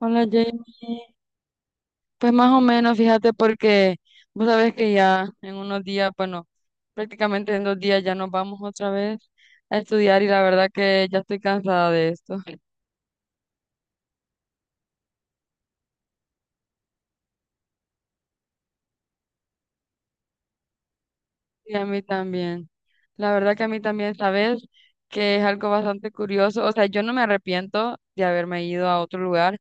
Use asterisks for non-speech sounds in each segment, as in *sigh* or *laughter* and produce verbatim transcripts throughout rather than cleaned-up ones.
Hola Jamie, pues más o menos, fíjate, porque vos sabés que ya en unos días, bueno, prácticamente en dos días ya nos vamos otra vez a estudiar y la verdad que ya estoy cansada de esto. *laughs* Y a mí también. La verdad que a mí también, sabes que es algo bastante curioso. O sea, yo no me arrepiento de haberme ido a otro lugar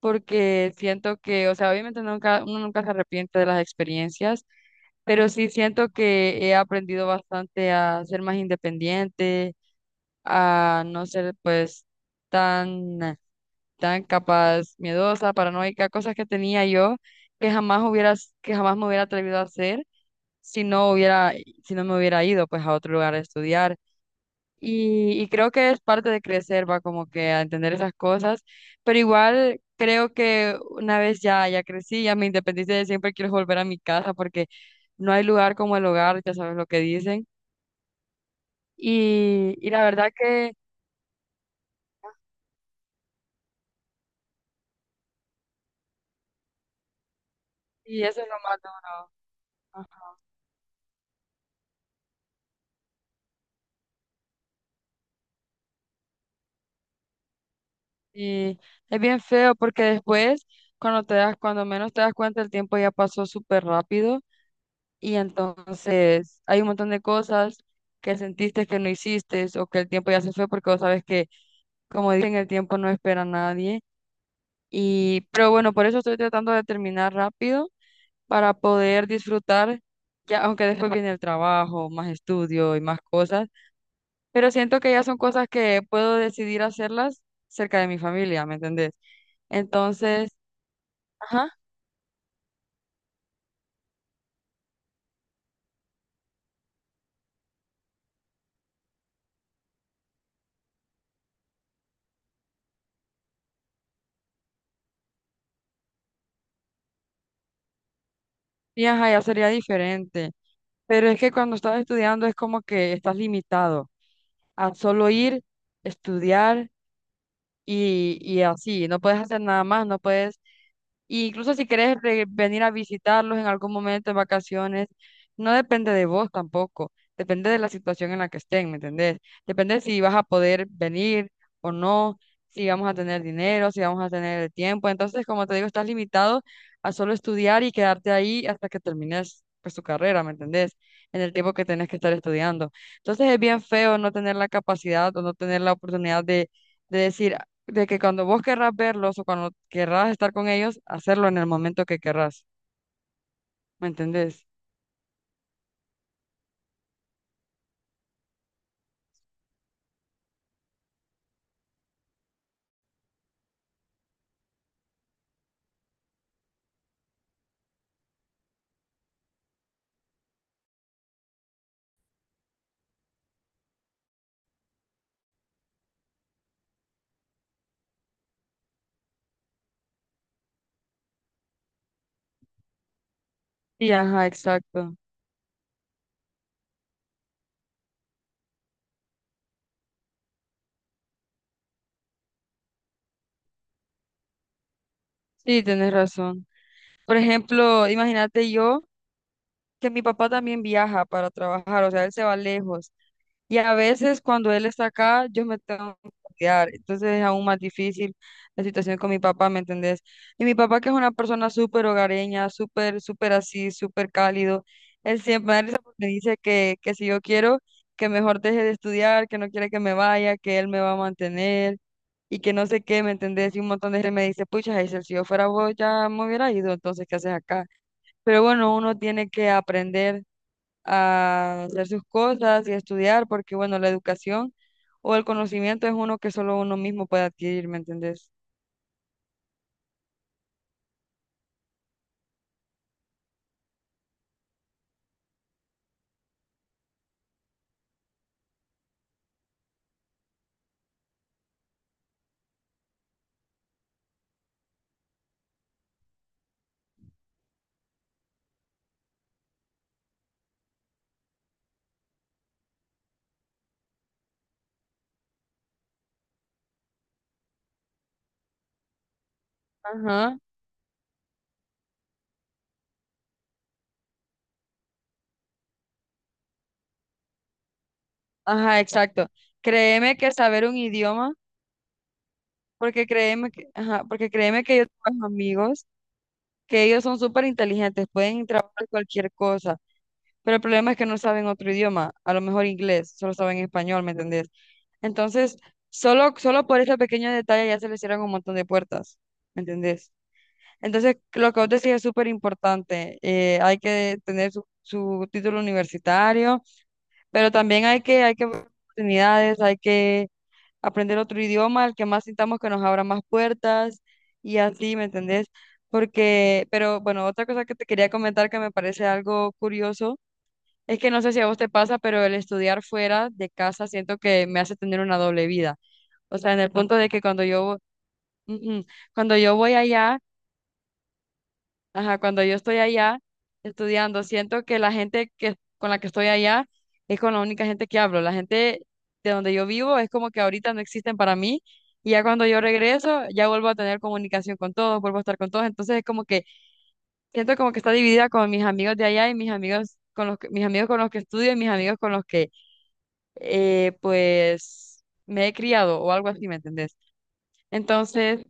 porque siento que, o sea, obviamente nunca, uno nunca se arrepiente de las experiencias, pero sí siento que he aprendido bastante a ser más independiente, a no ser pues tan, tan capaz, miedosa, paranoica, cosas que tenía yo que jamás hubiera, que jamás me hubiera atrevido a hacer si no hubiera, si no me hubiera ido pues a otro lugar a estudiar. Y, y creo que es parte de crecer, va como que a entender esas cosas, pero igual creo que una vez ya, ya crecí, ya me independicé, siempre quiero volver a mi casa porque no hay lugar como el hogar, ya sabes lo que dicen. Y, y la verdad que, y eso es lo más duro. Y es bien feo porque después, cuando te das, cuando menos te das cuenta, el tiempo ya pasó súper rápido y entonces hay un montón de cosas que sentiste que no hiciste o que el tiempo ya se fue porque vos sabes que, como dicen, el tiempo no espera a nadie. Y, pero bueno, por eso estoy tratando de terminar rápido para poder disfrutar, ya, aunque después viene el trabajo, más estudio y más cosas, pero siento que ya son cosas que puedo decidir hacerlas cerca de mi familia, ¿me entendés? Entonces... Ajá. Y ajá, ya sería diferente. Pero es que cuando estás estudiando es como que estás limitado a solo ir, estudiar y, y así. No puedes hacer nada más, no puedes. Y incluso si quieres re- venir a visitarlos en algún momento de vacaciones, no depende de vos tampoco, depende de la situación en la que estén, ¿me entendés? Depende si vas a poder venir o no, si vamos a tener dinero, si vamos a tener el tiempo. Entonces, como te digo, estás limitado a solo estudiar y quedarte ahí hasta que termines pues tu carrera, ¿me entendés? En el tiempo que tenés que estar estudiando. Entonces es bien feo no tener la capacidad o no tener la oportunidad de, de decir, de que cuando vos querrás verlos o cuando querrás estar con ellos, hacerlo en el momento que querrás, ¿me entendés? Sí, ajá, exacto. Sí, tenés razón. Por ejemplo, imagínate yo que mi papá también viaja para trabajar, o sea, él se va lejos. Y a veces cuando él está acá, yo me tengo que cuidar. Entonces es aún más difícil la situación con mi papá, ¿me entendés? Y mi papá, que es una persona súper hogareña, súper, súper así, súper cálido, él siempre me da risa porque dice que, que si yo quiero, que mejor deje de estudiar, que no quiere que me vaya, que él me va a mantener y que no sé qué, ¿me entendés? Y un montón de gente me dice, pucha, Hazel, si yo fuera vos ya me hubiera ido, entonces, ¿qué haces acá? Pero bueno, uno tiene que aprender a hacer sus cosas y a estudiar, porque bueno, la educación o el conocimiento es uno que solo uno mismo puede adquirir, ¿me entendés? Ajá, ajá, exacto. Créeme que saber un idioma, porque créeme que, ajá, porque créeme que yo tengo amigos que ellos son súper inteligentes, pueden trabajar cualquier cosa, pero el problema es que no saben otro idioma, a lo mejor inglés, solo saben español, ¿me entendés? Entonces, solo, solo por ese pequeño detalle ya se les cierran un montón de puertas, ¿me entendés? Entonces, lo que vos decís es súper importante. Eh, hay que tener su, su título universitario, pero también hay que, hay que ver oportunidades, hay que aprender otro idioma, el que más sintamos que nos abra más puertas y así, ¿me entendés? Porque, pero bueno, otra cosa que te quería comentar que me parece algo curioso es que no sé si a vos te pasa, pero el estudiar fuera de casa siento que me hace tener una doble vida. O sea, en el punto de que cuando yo, ujú, cuando yo voy allá, ajá, cuando yo estoy allá estudiando, siento que la gente que, con la que estoy allá es con la única gente que hablo. La gente de donde yo vivo es como que ahorita no existen para mí y ya cuando yo regreso ya vuelvo a tener comunicación con todos, vuelvo a estar con todos. Entonces es como que siento como que está dividida con mis amigos de allá y mis amigos con los que, mis amigos con los que estudio y mis amigos con los que eh, pues me he criado o algo así, ¿me entendés? Entonces...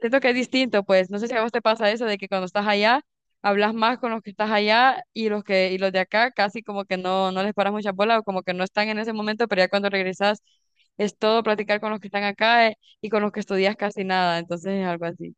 Siento que es distinto, pues. No sé si a vos te pasa eso de que cuando estás allá, hablas más con los que estás allá y los que, y los de acá casi como que no, no les paras mucha bola o como que no están en ese momento, pero ya cuando regresas es todo platicar con los que están acá, eh, y con los que estudias casi nada. Entonces es algo así.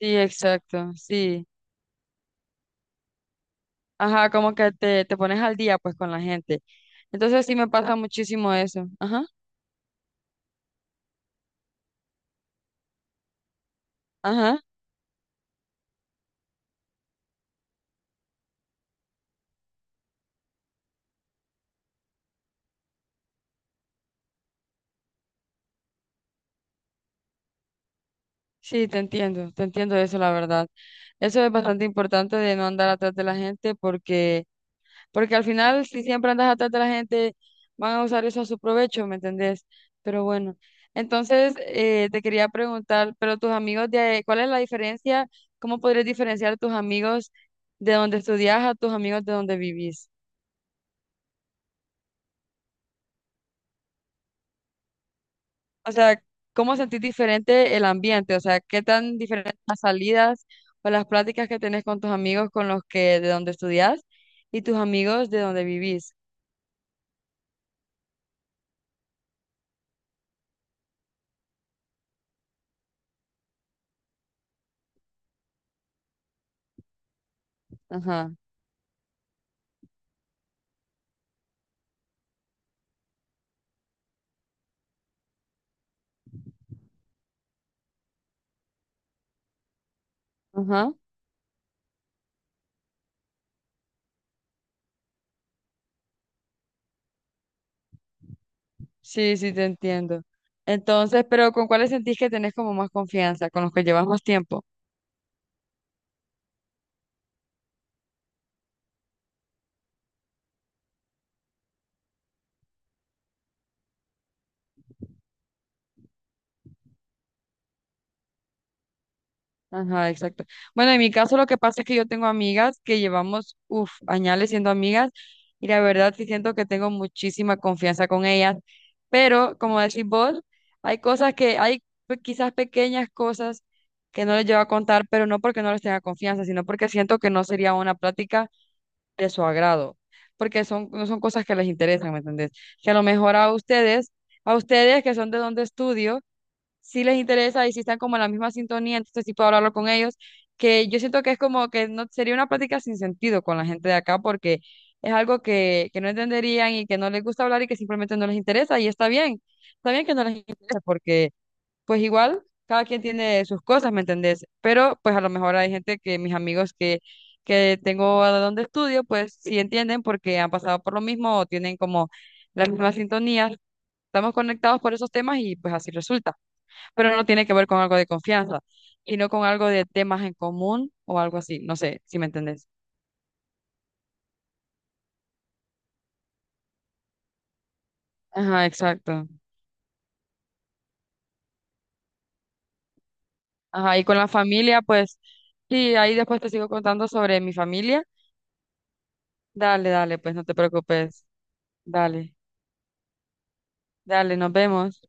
Sí, exacto, sí. Ajá, como que te, te pones al día pues con la gente. Entonces sí me pasa muchísimo eso. Ajá, ajá. Sí, te entiendo, te entiendo eso, la verdad. Eso es bastante importante de no andar atrás de la gente porque Porque al final, si siempre andas atrás de la gente, van a usar eso a su provecho, ¿me entendés? Pero bueno, entonces eh, te quería preguntar, pero tus amigos de, ¿cuál es la diferencia? ¿Cómo podrías diferenciar tus amigos de donde estudias a tus amigos de donde vivís? O sea, ¿cómo sentís diferente el ambiente? O sea, ¿qué tan diferentes las salidas o las pláticas que tenés con tus amigos con los que de donde estudias y tus amigos de donde vivís? Ajá, ajá. Sí, sí, te entiendo. Entonces, pero ¿con cuáles sentís que tenés como más confianza? ¿Con los que llevas más tiempo? Ajá, exacto. Bueno, en mi caso lo que pasa es que yo tengo amigas que llevamos, uff, añales siendo amigas y la verdad sí siento que tengo muchísima confianza con ellas, pero como decís vos, hay cosas que, hay pe- quizás pequeñas cosas que no les llevo a contar, pero no porque no les tenga confianza, sino porque siento que no sería una plática de su agrado, porque son, no son cosas que les interesan, ¿me entendés? Que a lo mejor a ustedes, a ustedes que son de donde estudio, sí les interesa y sí están como en la misma sintonía, entonces sí puedo hablarlo con ellos, que yo siento que es como que no sería una plática sin sentido con la gente de acá, porque es algo que, que no entenderían y que no les gusta hablar y que simplemente no les interesa, y está bien, está bien que no les interese, porque pues igual, cada quien tiene sus cosas, ¿me entendés? Pero pues a lo mejor hay gente que mis amigos que, que tengo a donde estudio, pues sí entienden porque han pasado por lo mismo o tienen como las mismas sintonías. Estamos conectados por esos temas y pues así resulta. Pero no tiene que ver con algo de confianza, sino con algo de temas en común o algo así. No sé si me entendés. Ajá, exacto. Ajá, y con la familia, pues sí, ahí después te sigo contando sobre mi familia. Dale, dale, pues no te preocupes. Dale. Dale, nos vemos.